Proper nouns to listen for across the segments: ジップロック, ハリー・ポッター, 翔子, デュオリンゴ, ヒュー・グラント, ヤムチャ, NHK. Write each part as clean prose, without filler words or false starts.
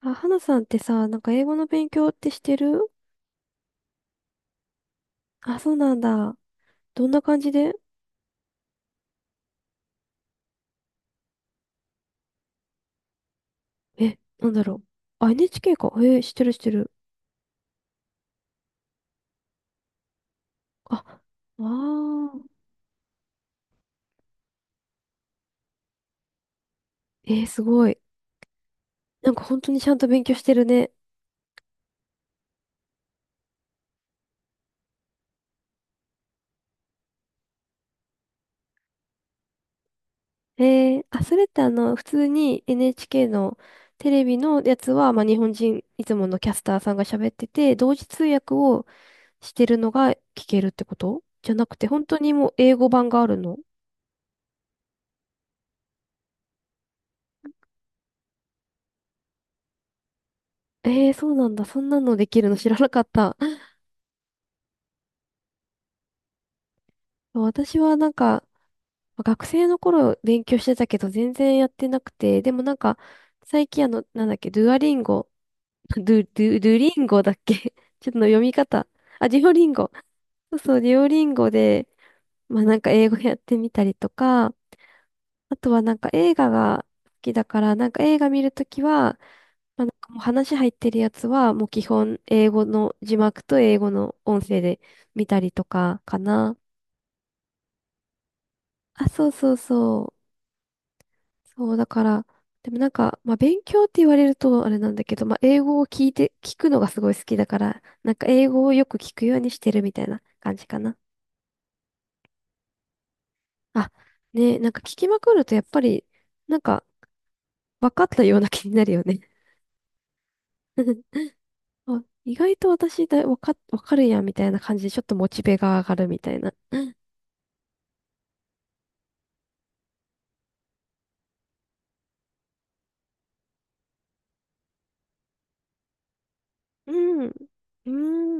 あ、花さんってさ、なんか英語の勉強ってしてる？あ、そうなんだ。どんな感じで？え、なんだろう。あ、NHK か。してるしてる。あ、ああ。すごい。なんか本当にちゃんと勉強してるね。えあ、それって普通に NHK のテレビのやつは、まあ、日本人、いつものキャスターさんが喋ってて、同時通訳をしてるのが聞けるってことじゃなくて、本当にもう英語版があるの？そうなんだ。そんなのできるの知らなかった。そう、私はなんか、学生の頃勉強してたけど、全然やってなくて、でもなんか、最近なんだっけ、ドゥアリンゴ、ドゥリンゴだっけ？ ちょっと読み方。あ、デュオリンゴ。そうそう、デュオリンゴで、まあなんか英語やってみたりとか、あとはなんか映画が好きだから、なんか映画見るときは、まあ、なんかもう話入ってるやつは、もう基本英語の字幕と英語の音声で見たりとかかな。あ、そうそうそう。そう、だから、でもなんか、まあ勉強って言われるとあれなんだけど、まあ英語を聞いて、聞くのがすごい好きだから、なんか英語をよく聞くようにしてるみたいな感じかな。あ、ねえ、なんか聞きまくるとやっぱり、なんか分かったような気になるよね。あ、意外と私だ、分かるやんみたいな感じでちょっとモチベが上がるみたいな。うん。うん。う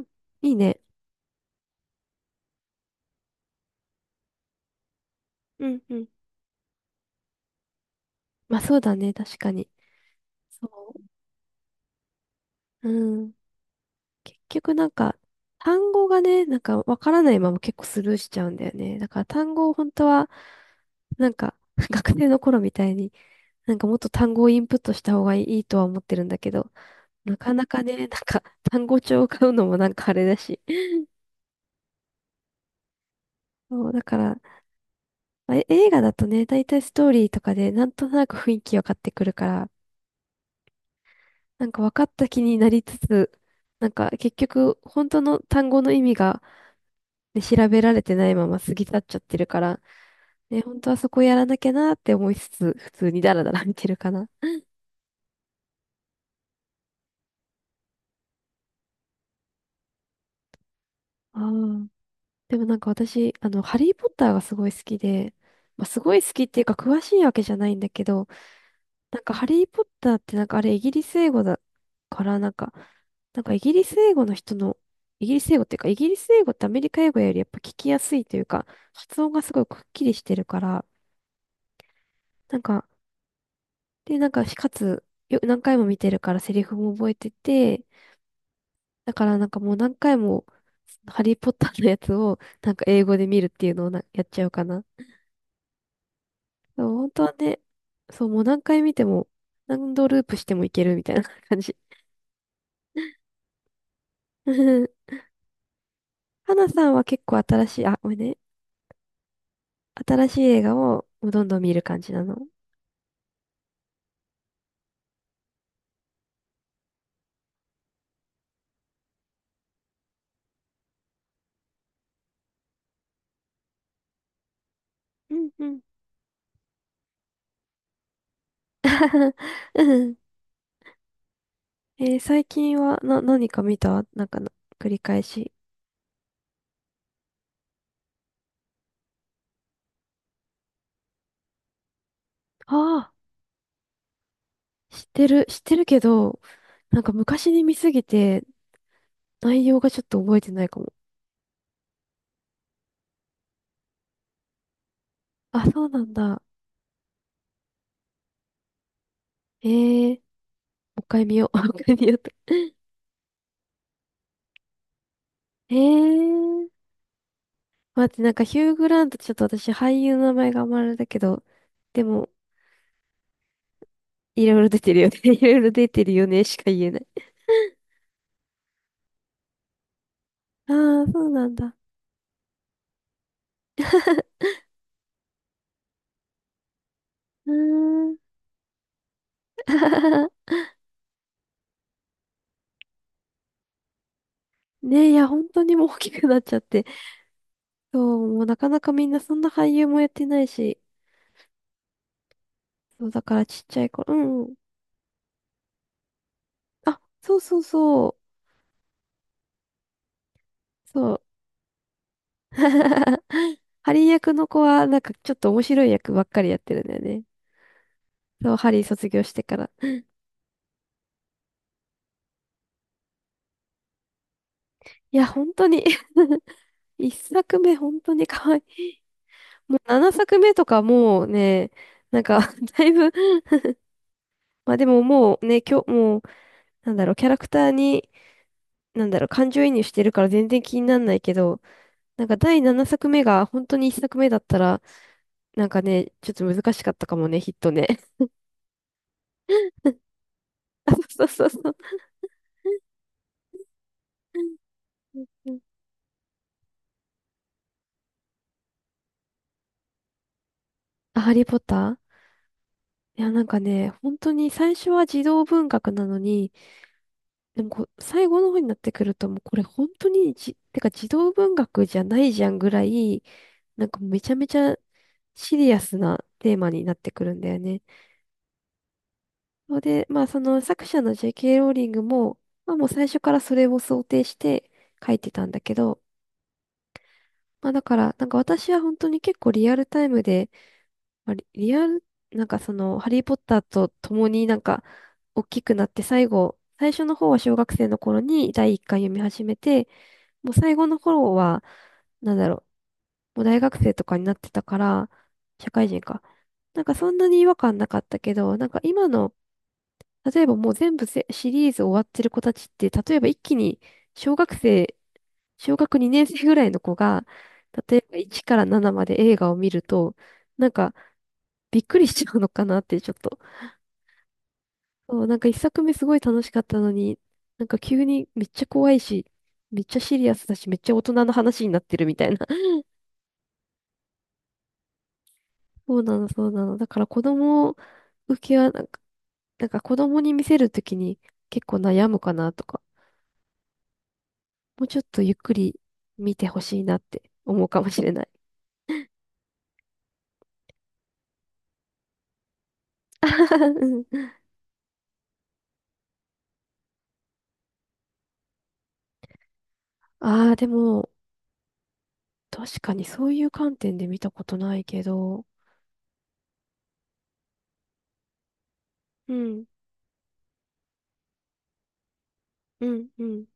ん。いいね。うんうん。まあそうだね、確かに。そう。うん。結局なんか、単語がね、なんかわからないまま結構スルーしちゃうんだよね。だから単語を本当は、なんか、学生の頃みたいに、なんかもっと単語をインプットした方がいいとは思ってるんだけど、なかなかね、なんか単語帳を買うのもなんかあれだし。そう、だから、まあ映画だとね、だいたいストーリーとかでなんとなく雰囲気分かってくるから、なんか分かった気になりつつ、なんか結局本当の単語の意味がで、調べられてないまま過ぎ去っちゃってるから、ね、本当はそこやらなきゃなって思いつつ、普通にダラダラ見てるかな。ああ。でもなんか私、ハリー・ポッターがすごい好きで、まあ、すごい好きっていうか詳しいわけじゃないんだけど、なんかハリー・ポッターってなんかあれイギリス英語だから、なんかイギリス英語の人の、イギリス英語っていうか、イギリス英語ってアメリカ英語よりやっぱ聞きやすいというか、発音がすごいくっきりしてるから、なんか、で、なんか、しかつ、何回も見てるからセリフも覚えてて、だからなんかもう何回も、ハリーポッターのやつを、なんか英語で見るっていうのをな、やっちゃうかな。そう、本当はね、そう、もう何回見ても、何度ループしてもいけるみたいな 感じ。はなさんは結構新しい、あ、ごめんね。新しい映画をもうどんどん見る感じなの？うんうん。うん。最近は、何か見たなんかな、繰り返し。ああ。知ってる、知ってるけど、なんか昔に見すぎて内容がちょっと覚えてないかも。あ、そうなんだ。もう一回見よう。もう一回見ようと。えー、待って、なんかヒュー・グラントちょっと私俳優の名前があんまあれだけど、でも、いろいろ出てるよね。いろいろ出てるよねしか言えない。ああ、そうなんだ。うーん。ねえ、いや、本当にもう大きくなっちゃって。そう、もうなかなかみんなそんな俳優もやってないし。そう、だからちっちゃい頃。うんうん。あ、そうそうそう。そう。ハリー役の子は、なんかちょっと面白い役ばっかりやってるんだよね。そう、ハリー卒業してから。いや、本当に 一作目、本当に可愛い。七作目とかもうね、なんか だいぶ。まあでも、もうね、今日、もう、なんだろう、キャラクターに、なんだろう、感情移入してるから全然気になんないけど、なんか第7作目が本当に1作目だったら、なんかね、ちょっと難しかったかもね、ヒットね。あ、そうそうそうそう。うんうん。あ、ハリーポッター。いや、なんかね、本当に最初は児童文学なのに、でもこう、最後の方になってくると、もうこれ本当にてか児童文学じゃないじゃんぐらい、なんかめちゃめちゃシリアスなテーマになってくるんだよね。それで、まあその作者の J.K. ローリングも、まあもう最初からそれを想定して書いてたんだけど、まあだから、なんか私は本当に結構リアルタイムで、まあリリアル、なんかその、ハリー・ポッターと共になんか、大きくなって最初の方は小学生の頃に第一巻読み始めて、もう最後の頃は、なんだろう、もう大学生とかになってたから、社会人か。なんかそんなに違和感なかったけど、なんか今の、例えばもう全部シリーズ終わってる子たちって、例えば一気に小学生、小学2年生ぐらいの子が、例えば1から7まで映画を見ると、なんかびっくりしちゃうのかなってちょっと。そう、なんか一作目すごい楽しかったのに、なんか急にめっちゃ怖いし、めっちゃシリアスだし、めっちゃ大人の話になってるみたいな。そうなの、そうなの。だから子供受けはなんか子供に見せるときに結構悩むかなとか、もうちょっとゆっくり見てほしいなって思うかもしれない。うん。ああ、でも、確かにそういう観点で見たことないけど、うん、うん、うん。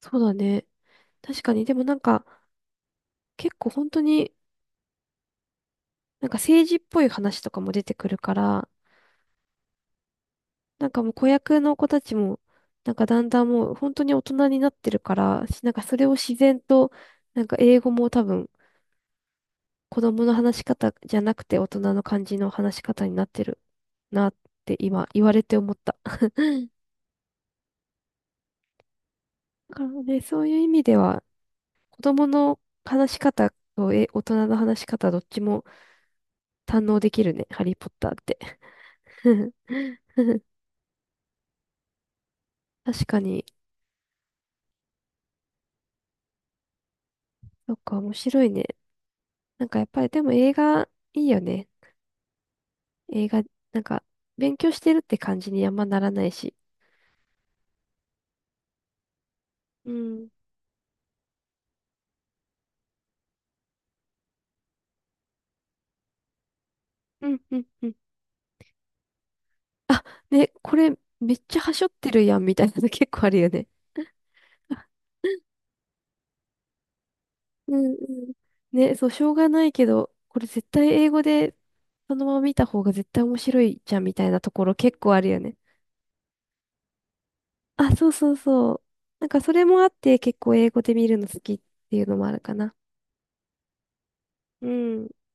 そうだね。確かに、でもなんか、結構本当になんか政治っぽい話とかも出てくるから、なんかもう子役の子たちも、なんかだんだんもう本当に大人になってるから、しなんかそれを自然と、なんか英語も多分子供の話し方じゃなくて大人の感じの話し方になってるなって今言われて思った。だからね、そういう意味では子供の話し方と大人の話し方どっちも堪能できるね、ハリーポッターって。確かに、そっか、面白いね。なんかやっぱりでも映画いいよね。映画、なんか勉強してるって感じにあんまならないし。うん。うん、うん、うん。あ、ね、これめっちゃはしょってるやんみたいなの結構あるよね。うんうん。ね、そう、しょうがないけど、これ絶対英語でそのまま見た方が絶対面白いじゃんみたいなところ結構あるよね。あ、そうそうそう。なんかそれもあって結構英語で見るの好きっていうのもあるかな。うん。